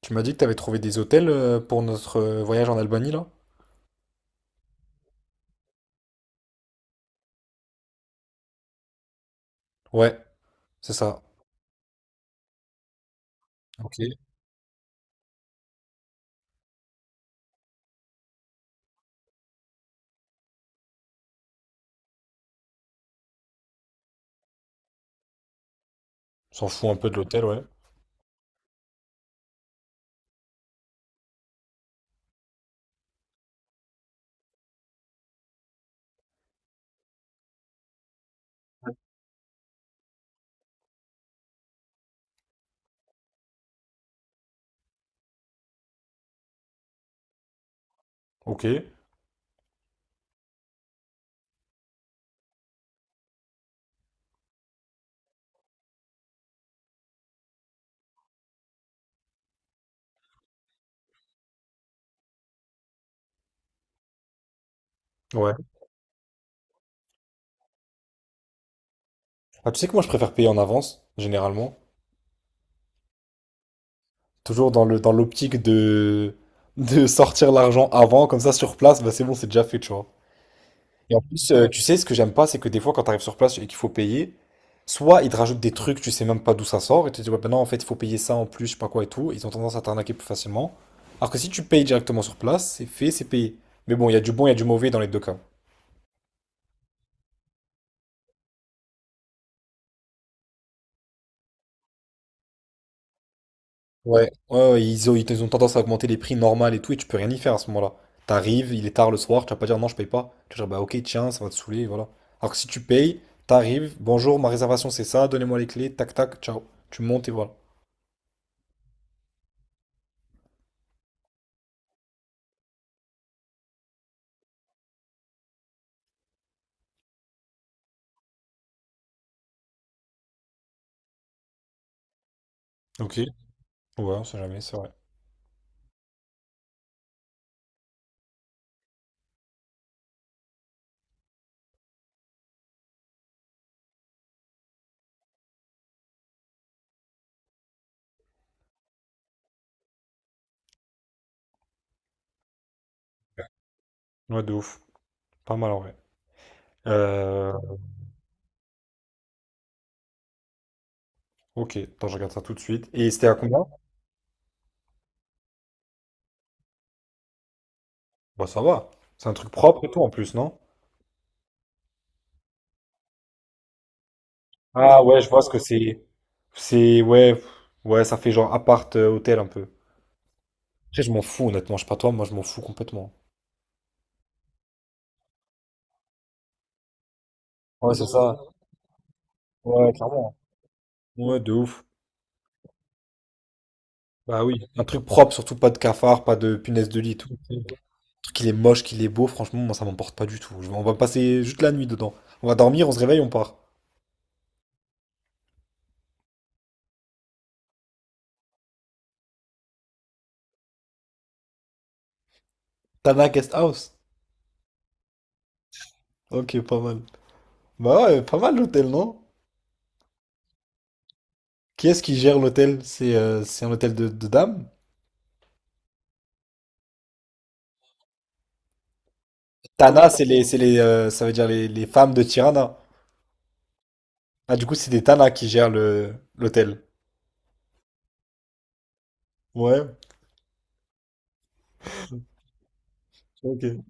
Tu m'as dit que t'avais trouvé des hôtels pour notre voyage en Albanie là? Ouais, c'est ça. Ok. On S'en fout un peu de l'hôtel, ouais. Ok. Ouais. Ah, tu sais que moi je préfère payer en avance, généralement. Toujours dans le dans l'optique de sortir l'argent avant, comme ça sur place, bah c'est bon, c'est déjà fait, tu vois. Et en plus, tu sais, ce que j'aime pas, c'est que des fois, quand tu arrives sur place et qu'il faut payer, soit ils te rajoutent des trucs, tu sais même pas d'où ça sort, et tu te dis, ouais, ben non, en fait, il faut payer ça en plus, je sais pas quoi et tout. Ils ont tendance à t'arnaquer plus facilement. Alors que si tu payes directement sur place, c'est fait, c'est payé. Mais bon, il y a du bon, il y a du mauvais dans les deux cas. Ouais. Ouais, ouais, ils ont tendance à augmenter les prix normal et tout, et tu peux rien y faire à ce moment-là. T'arrives, il est tard le soir, tu vas pas dire non, je paye pas. Tu vas dire, bah ok, tiens, ça va te saouler, voilà. Alors que si tu payes, t'arrives, bonjour, ma réservation c'est ça, donnez-moi les clés, tac tac, ciao. Tu montes et voilà. Ok. Ouais, on sait jamais, c'est vrai. Ouais, de ouf. Pas mal en vrai. Euh, ok, attends, je regarde ça tout de suite. Et c'était à combien? Bah ça va. C'est un truc propre et tout en plus, non? Ah ouais, je vois ce que c'est. C'est ouais, pff, ouais, ça fait genre appart hôtel un peu. Après, je m'en fous honnêtement, je sais pas toi, moi je m'en fous complètement. Ouais, c'est ça. Ouais, clairement. Ouais, de ouf. Bah oui, un truc propre, surtout pas de cafard, pas de punaise de lit et tout. Un truc qu'il est moche, qu'il est beau, franchement, moi ça m'emporte pas du tout. On va passer juste la nuit dedans. On va dormir, on se réveille, on part. Tana Guest House. Ok, pas mal. Bah ouais, pas mal l'hôtel, non? Qui est-ce qui gère l'hôtel? C'est un hôtel de dames? Tana, c'est les, ça veut dire les, femmes de Tirana. Ah, du coup, c'est des Tana qui gèrent le, l'hôtel. Ouais, ok.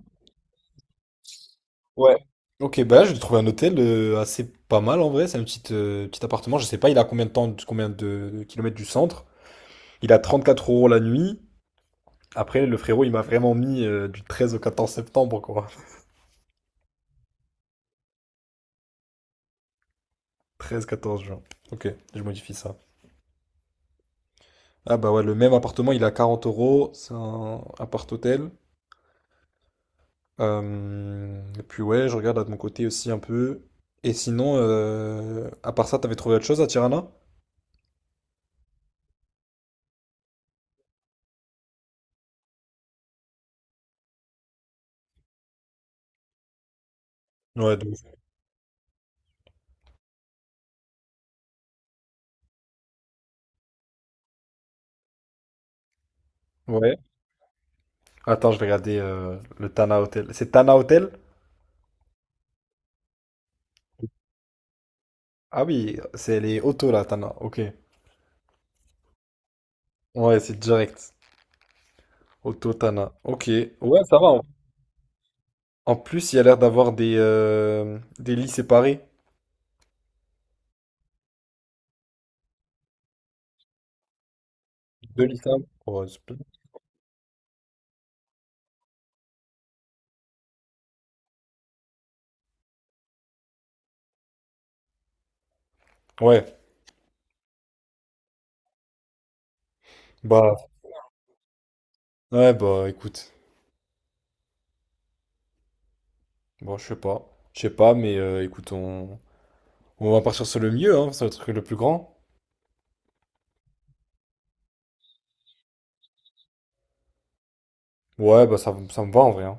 Ouais. Ok, bah je vais trouver un hôtel assez pas mal en vrai. C'est un petit appartement. Je sais pas, il a combien de temps, combien de kilomètres du centre. Il a 34 € la nuit. Après, le frérot, il m'a vraiment mis du 13 au 14 septembre, quoi. 13-14 juin. Ok, je modifie ça. Ah bah ouais, le même appartement, il est à 40 euros, c'est un appart-hôtel. Et puis ouais, je regarde là de mon côté aussi un peu. Et sinon, à part ça, t'avais trouvé autre chose à Tirana? Ouais, de ouf. Ouais. Attends, je vais regarder le Tana Hotel. C'est Tana Hotel? Ah oui, c'est les autos là, Tana. Ok. Ouais, c'est direct. Auto Tana. Ok. Ouais, ça va. En plus, il y a l'air d'avoir des lits séparés. Deux lits simples. Ouais, c'est bien. Ouais. Bah, ouais, bah écoute. Bon, je sais pas. Je sais pas, mais écoute, on va partir sur le mieux, hein, c'est le truc le plus grand. Ouais, bah ça, ça me va en vrai, hein.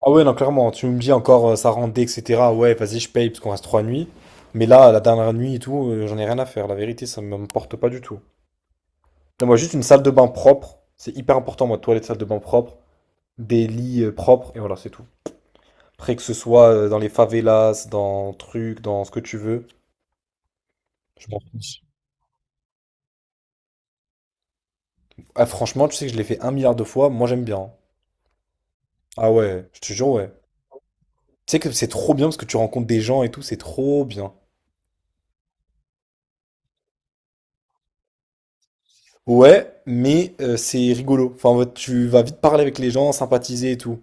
Ah ouais, non, clairement, tu me dis encore ça rendait, etc. Ouais, vas-y, je paye parce qu'on reste trois nuits. Mais là, la dernière nuit et tout, j'en ai rien à faire. La vérité, ça me m'importe pas du tout. Non, moi, juste une salle de bain propre. C'est hyper important, moi, toilette, salle de bain propre, des lits propres, et voilà, c'est tout. Après, que ce soit dans les favelas, dans truc, dans ce que tu veux, je m'en fiche. Ah, franchement, tu sais que je l'ai fait un milliard de fois, moi j'aime bien, hein. Ah ouais, je te jure, ouais. Tu sais que c'est trop bien parce que tu rencontres des gens et tout, c'est trop bien. Ouais, mais c'est rigolo. Enfin, en mode, tu vas vite parler avec les gens, sympathiser et tout.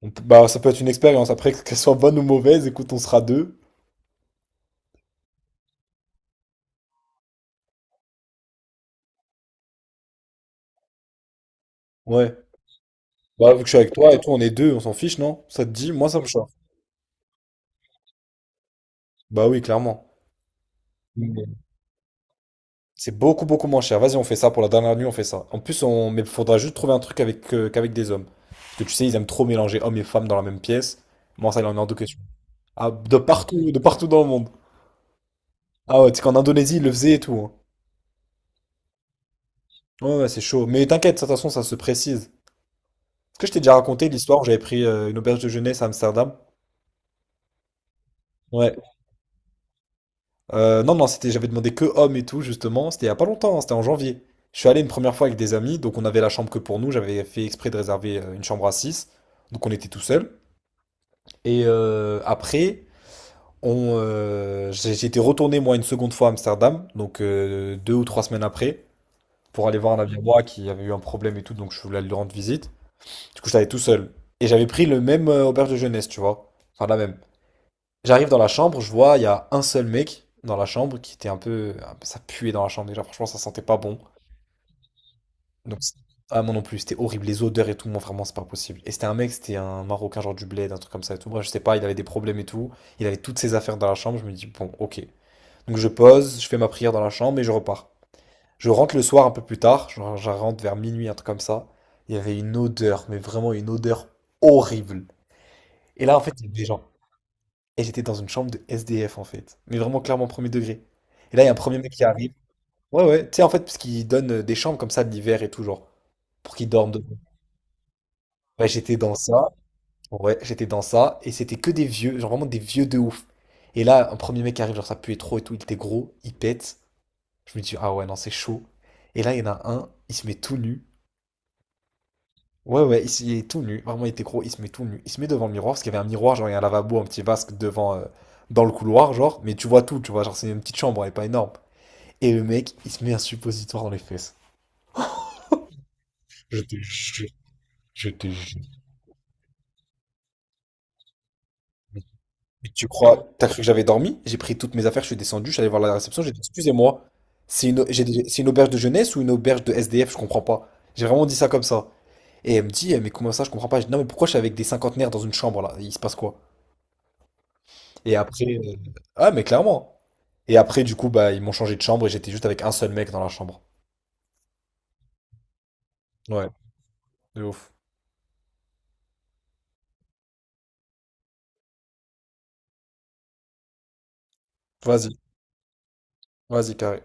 Bah, ça peut être une expérience. Après, qu'elle soit bonne ou mauvaise, écoute, on sera deux. Ouais. Bah, vu que je suis avec toi et tout, on est deux, on s'en fiche, non? Ça te dit? Moi, ça me chauffe. Bah oui, clairement. C'est beaucoup, beaucoup moins cher. Vas-y, on fait ça pour la dernière nuit, on fait ça. En plus, on... mais faudra juste trouver un truc avec, qu'avec des hommes. Parce que tu sais, ils aiment trop mélanger hommes et femmes dans la même pièce. Moi, ça, il en est hors de question. Ah, de partout dans le monde. Ah ouais, tu sais qu'en Indonésie, ils le faisaient et tout, hein. Ouais, ouais, c'est chaud. Mais t'inquiète, de toute façon, ça se précise. Est-ce que je t'ai déjà raconté l'histoire où j'avais pris une auberge de jeunesse à Amsterdam? Ouais. Non, non, c'était, j'avais demandé que hommes et tout, justement. C'était il y a pas longtemps, hein, c'était en janvier. Je suis allé une première fois avec des amis, donc on avait la chambre que pour nous. J'avais fait exprès de réserver une chambre à 6, donc on était tout seul. Et après, j'ai été retourné moi une seconde fois à Amsterdam, donc 2 ou 3 semaines après, pour aller voir un ami à moi qui avait eu un problème et tout, donc je voulais lui rendre visite. Du coup, j'étais allé tout seul. Et j'avais pris le même auberge de jeunesse, tu vois. Enfin, la même. J'arrive dans la chambre, je vois, il y a un seul mec dans la chambre qui était un peu. Ça puait dans la chambre déjà, franchement, ça sentait pas bon. Donc, c'est- ah, moi non plus, c'était horrible. Les odeurs et tout, moi vraiment, c'est pas possible. Et c'était un mec, c'était un Marocain, genre du bled, un truc comme ça et tout. Moi, je sais pas, il avait des problèmes et tout. Il avait toutes ses affaires dans la chambre, je me dis, bon, ok. Donc, je pose, je fais ma prière dans la chambre et je repars. Je rentre le soir un peu plus tard, genre, je rentre vers minuit, un truc comme ça. Il y avait une odeur, mais vraiment une odeur horrible. Et là, en fait, il y avait des gens. Et j'étais dans une chambre de SDF, en fait. Mais vraiment, clairement, premier degré. Et là, il y a un premier mec qui arrive. Ouais, ouais. Tu sais, en fait, parce qu'ils donnent des chambres comme ça de l'hiver et tout, genre, pour qu'ils dorment dedans. Ouais, j'étais dans ça. Ouais, j'étais dans ça. Et c'était que des vieux, genre vraiment des vieux de ouf. Et là, un premier mec qui arrive, genre, ça puait trop et tout. Il était gros, il pète. Je me dis, ah ouais, non, c'est chaud. Et là, il y en a un, il se met tout nu. Ouais, ouais, il est tout nu. Vraiment, il était gros. Il se met tout nu. Il se met devant le miroir parce qu'il y avait un miroir, genre, il y a un lavabo, un petit vasque devant, dans le couloir, genre. Mais tu vois tout, tu vois, genre, c'est une petite chambre, elle est pas énorme. Et le mec, il se met un suppositoire dans les fesses. Je te jure, je te jure. Mais tu crois, t'as cru que j'avais dormi? J'ai pris toutes mes affaires, je suis descendu, je suis allé voir la réception, j'ai dit, excusez-moi, c'est une auberge de jeunesse ou une auberge de SDF, je comprends pas. J'ai vraiment dit ça comme ça. Et elle me dit, eh, mais comment ça, je comprends pas. Je dis, non, mais pourquoi je suis avec des cinquantenaires dans une chambre là? Il se passe quoi? Et après, ah, mais clairement. Et après, du coup, bah, ils m'ont changé de chambre et j'étais juste avec un seul mec dans la chambre. Ouais, de ouf. Vas-y, vas-y, carré.